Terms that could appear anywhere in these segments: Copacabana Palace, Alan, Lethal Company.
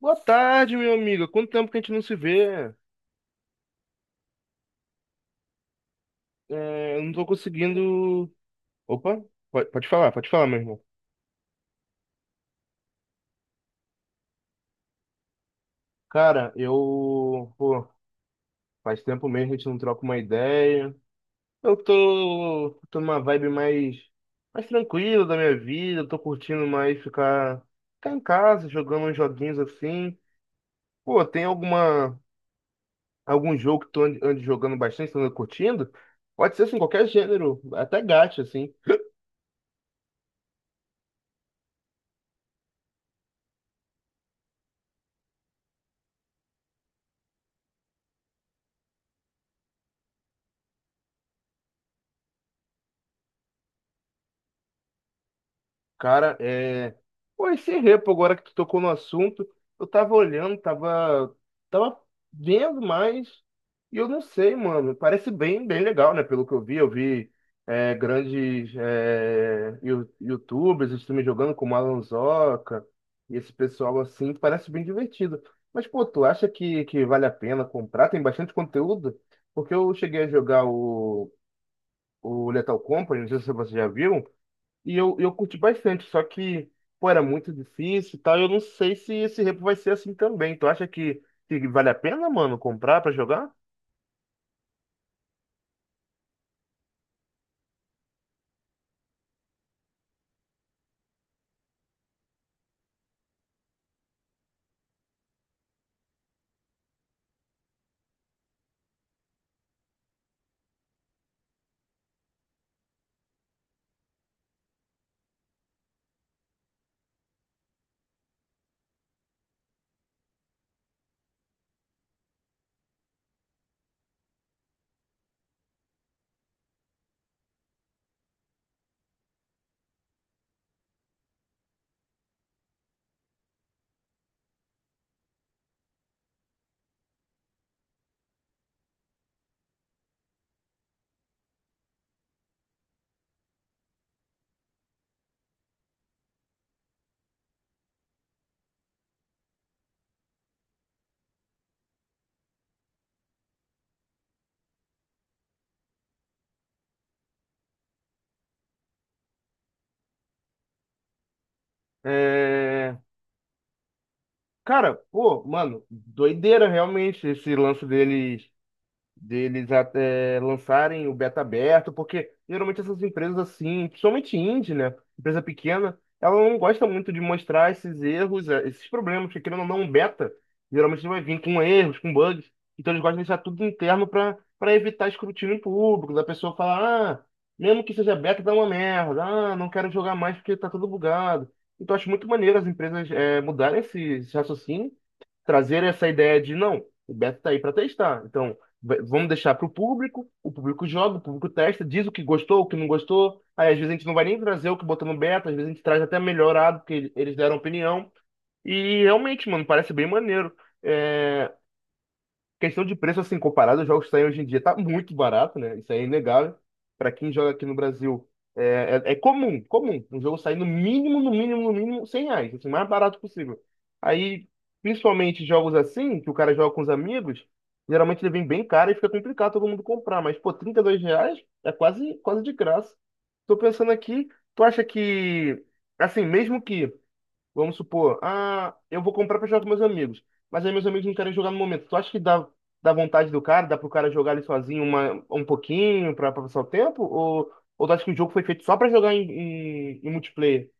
Boa tarde, meu amigo. Quanto tempo que a gente não se vê? É, eu não tô conseguindo. Opa, pode falar, meu irmão. Cara, eu. Pô, faz tempo mesmo que a gente não troca uma ideia. Eu tô numa vibe mais, mais tranquila da minha vida. Eu tô curtindo mais ficar, ficar em casa, jogando uns joguinhos assim. Pô, tem alguma, algum jogo que tu ande jogando bastante, tu anda curtindo? Pode ser assim, qualquer gênero, até gacha, assim. Cara, é... Pô, esse repo, agora que tu tocou no assunto, eu tava olhando, tava, tava vendo mais, e eu não sei, mano, parece bem, bem legal, né? Pelo que eu vi grandes YouTubers também jogando com Alan e esse pessoal assim, parece bem divertido. Mas, pô, tu acha que vale a pena comprar? Tem bastante conteúdo? Porque eu cheguei a jogar o Lethal Company, não sei se você já viu, e eu curti bastante, só que, pô, era muito difícil e tal, eu não sei se esse repo vai ser assim também. Tu acha que vale a pena, mano, comprar pra jogar? É... Cara, pô, mano, doideira realmente esse lance deles até lançarem o beta aberto, porque geralmente essas empresas assim, principalmente indie, né? Empresa pequena, ela não gosta muito de mostrar esses erros, esses problemas, porque querendo ou não, um beta geralmente vai vir com erros, com bugs, então eles gostam de deixar tudo interno para evitar escrutínio público, da pessoa falar, ah, mesmo que seja beta, dá uma merda, ah, não quero jogar mais porque tá tudo bugado. Então, eu acho muito maneiro as empresas mudarem esse raciocínio, trazer essa ideia de não, o Beto tá aí para testar. Então, vamos deixar para o público joga, o público testa, diz o que gostou, o que não gostou. Aí às vezes a gente não vai nem trazer o que botou no beta, às vezes a gente traz até melhorado, porque eles deram opinião. E realmente, mano, parece bem maneiro. É, questão de preço, assim, comparado aos jogos que saem hoje em dia, tá muito barato, né? Isso aí é inegável. Para quem joga aqui no Brasil, é comum. Um jogo sair no mínimo, 100 reais, assim, o mais barato possível. Aí, principalmente jogos assim, que o cara joga com os amigos, geralmente ele vem bem caro e fica complicado todo mundo comprar. Mas, pô, 32 reais é quase de graça. Tô pensando aqui, tu acha que, assim, mesmo que... Vamos supor, ah, eu vou comprar pra jogar com meus amigos, mas aí meus amigos não querem jogar no momento. Tu acha que dá vontade do cara, dá pro cara jogar ali sozinho uma, um pouquinho pra, pra passar o tempo? Ou tu acha que o jogo foi feito só pra jogar em, em, em multiplayer?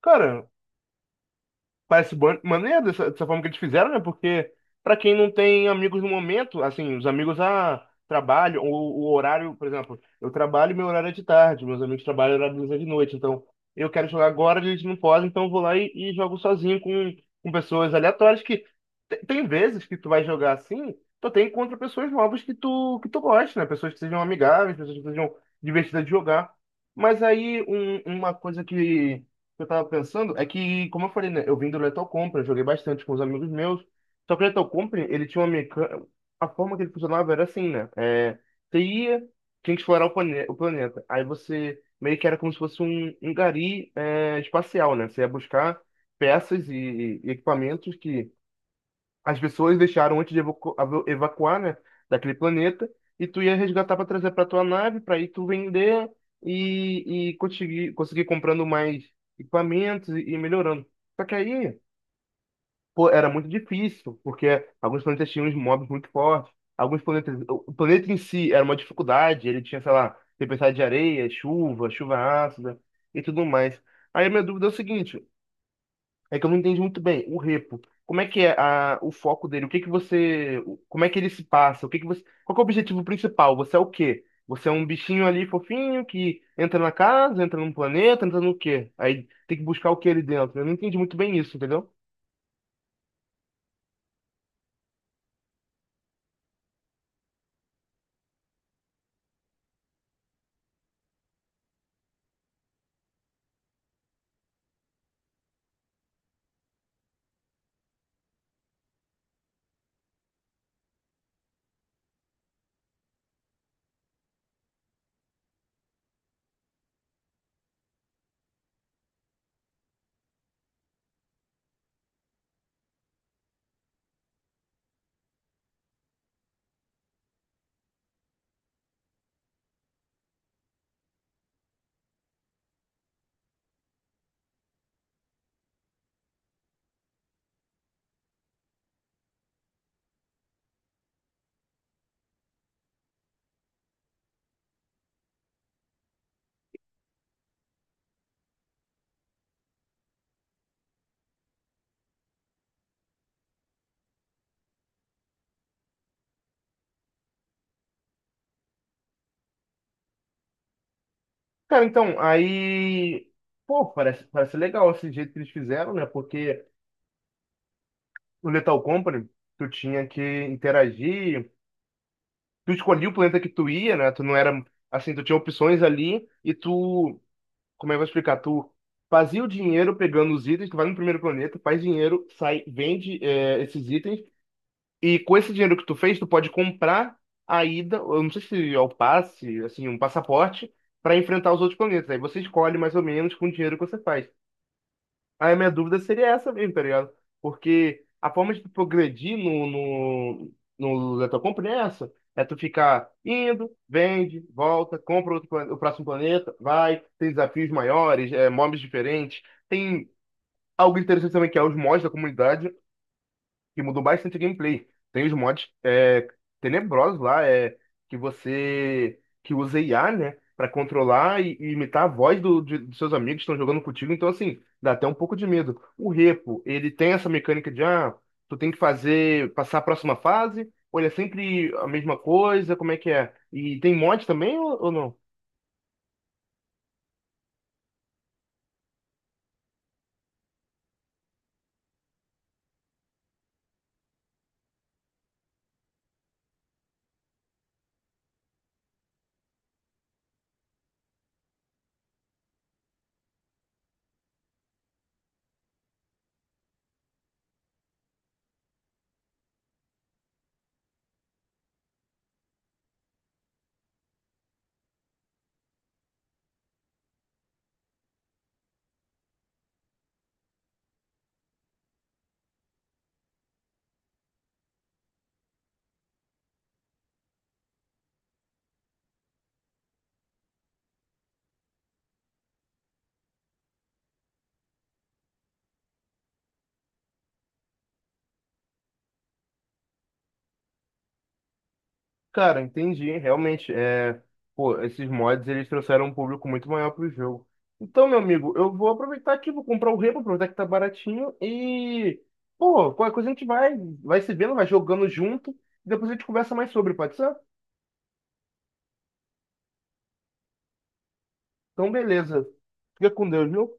Cara, parece maneiro dessa, dessa forma que eles fizeram, né? Porque pra quem não tem amigos no momento, assim, os amigos a trabalho, ou o horário, por exemplo, eu trabalho, meu horário é de tarde, meus amigos trabalham, o horário deles é de noite, então eu quero jogar agora, eles não podem, então eu vou lá e jogo sozinho com pessoas aleatórias que tem vezes que tu vai jogar assim, tu tem contra pessoas novas que tu gosta, né? Pessoas que sejam amigáveis, pessoas que sejam divertidas de jogar. Mas aí uma coisa que eu tava pensando é que, como eu falei, né, eu vim do Lethal Company, eu joguei bastante com os amigos meus. Só que o Lethal Company, ele tinha uma mecânica. A forma que ele funcionava era assim, né? É, você ia, tinha que explorar o, plane... o planeta. Aí você meio que era como se fosse um, um gari espacial, né? Você ia buscar peças e equipamentos que as pessoas deixaram antes de evacuar, né, daquele planeta, e tu ia resgatar para trazer para tua nave, para aí tu vender e conseguir comprando mais equipamentos e melhorando. Só que aí, pô, era muito difícil, porque alguns planetas tinham uns mobs muito fortes, alguns planetas, o planeta em si era uma dificuldade, ele tinha, sei lá, tempestade de areia, chuva ácida e tudo mais. Aí a minha dúvida é o seguinte, é que eu não entendi muito bem. O repo, como é que é a, o foco dele? O que que você, como é que ele se passa? O que que você, qual que é o objetivo principal? Você é o quê? Você é um bichinho ali fofinho que entra na casa, entra num planeta, entra no quê? Aí tem que buscar o que ali dentro. Eu não entendi muito bem isso, entendeu? Cara, então, aí, pô, parece, parece legal esse jeito que eles fizeram, né? Porque no Lethal Company, tu tinha que interagir, tu escolhia o planeta que tu ia, né? Tu não era, assim, tu tinha opções ali e tu... Como é que eu vou explicar? Tu fazia o dinheiro pegando os itens, tu vai no primeiro planeta, faz dinheiro, sai, vende esses itens, e com esse dinheiro que tu fez, tu pode comprar a ida, eu não sei se é o passe, assim, um passaporte, para enfrentar os outros planetas. Aí você escolhe mais ou menos com o dinheiro que você faz. Aí a minha dúvida seria essa mesmo, tá ligado? Porque a forma de tu progredir no Letal Company é essa. É tu ficar indo, vende, volta, compra outro, o próximo planeta, vai, tem desafios maiores, é, mobs diferentes. Tem algo interessante também que é os mods da comunidade que mudou bastante o gameplay. Tem os mods é, tenebrosos lá, é, que você que usa IA, né, para controlar e imitar a voz do, dos seus amigos que estão jogando contigo. Então, assim, dá até um pouco de medo. O Repo, ele tem essa mecânica de, ah, tu tem que fazer, passar a próxima fase, ou ele é sempre a mesma coisa, como é que é? E tem mod também ou não? Cara, entendi, realmente, é, pô, esses mods, eles trouxeram um público muito maior pro jogo. Então, meu amigo, eu vou aproveitar aqui, vou comprar o Rebo, aproveitar que tá baratinho e, pô, qualquer coisa a gente vai, vai se vendo, vai jogando junto, e depois a gente conversa mais sobre, pode ser? Então, beleza. Fica com Deus, viu?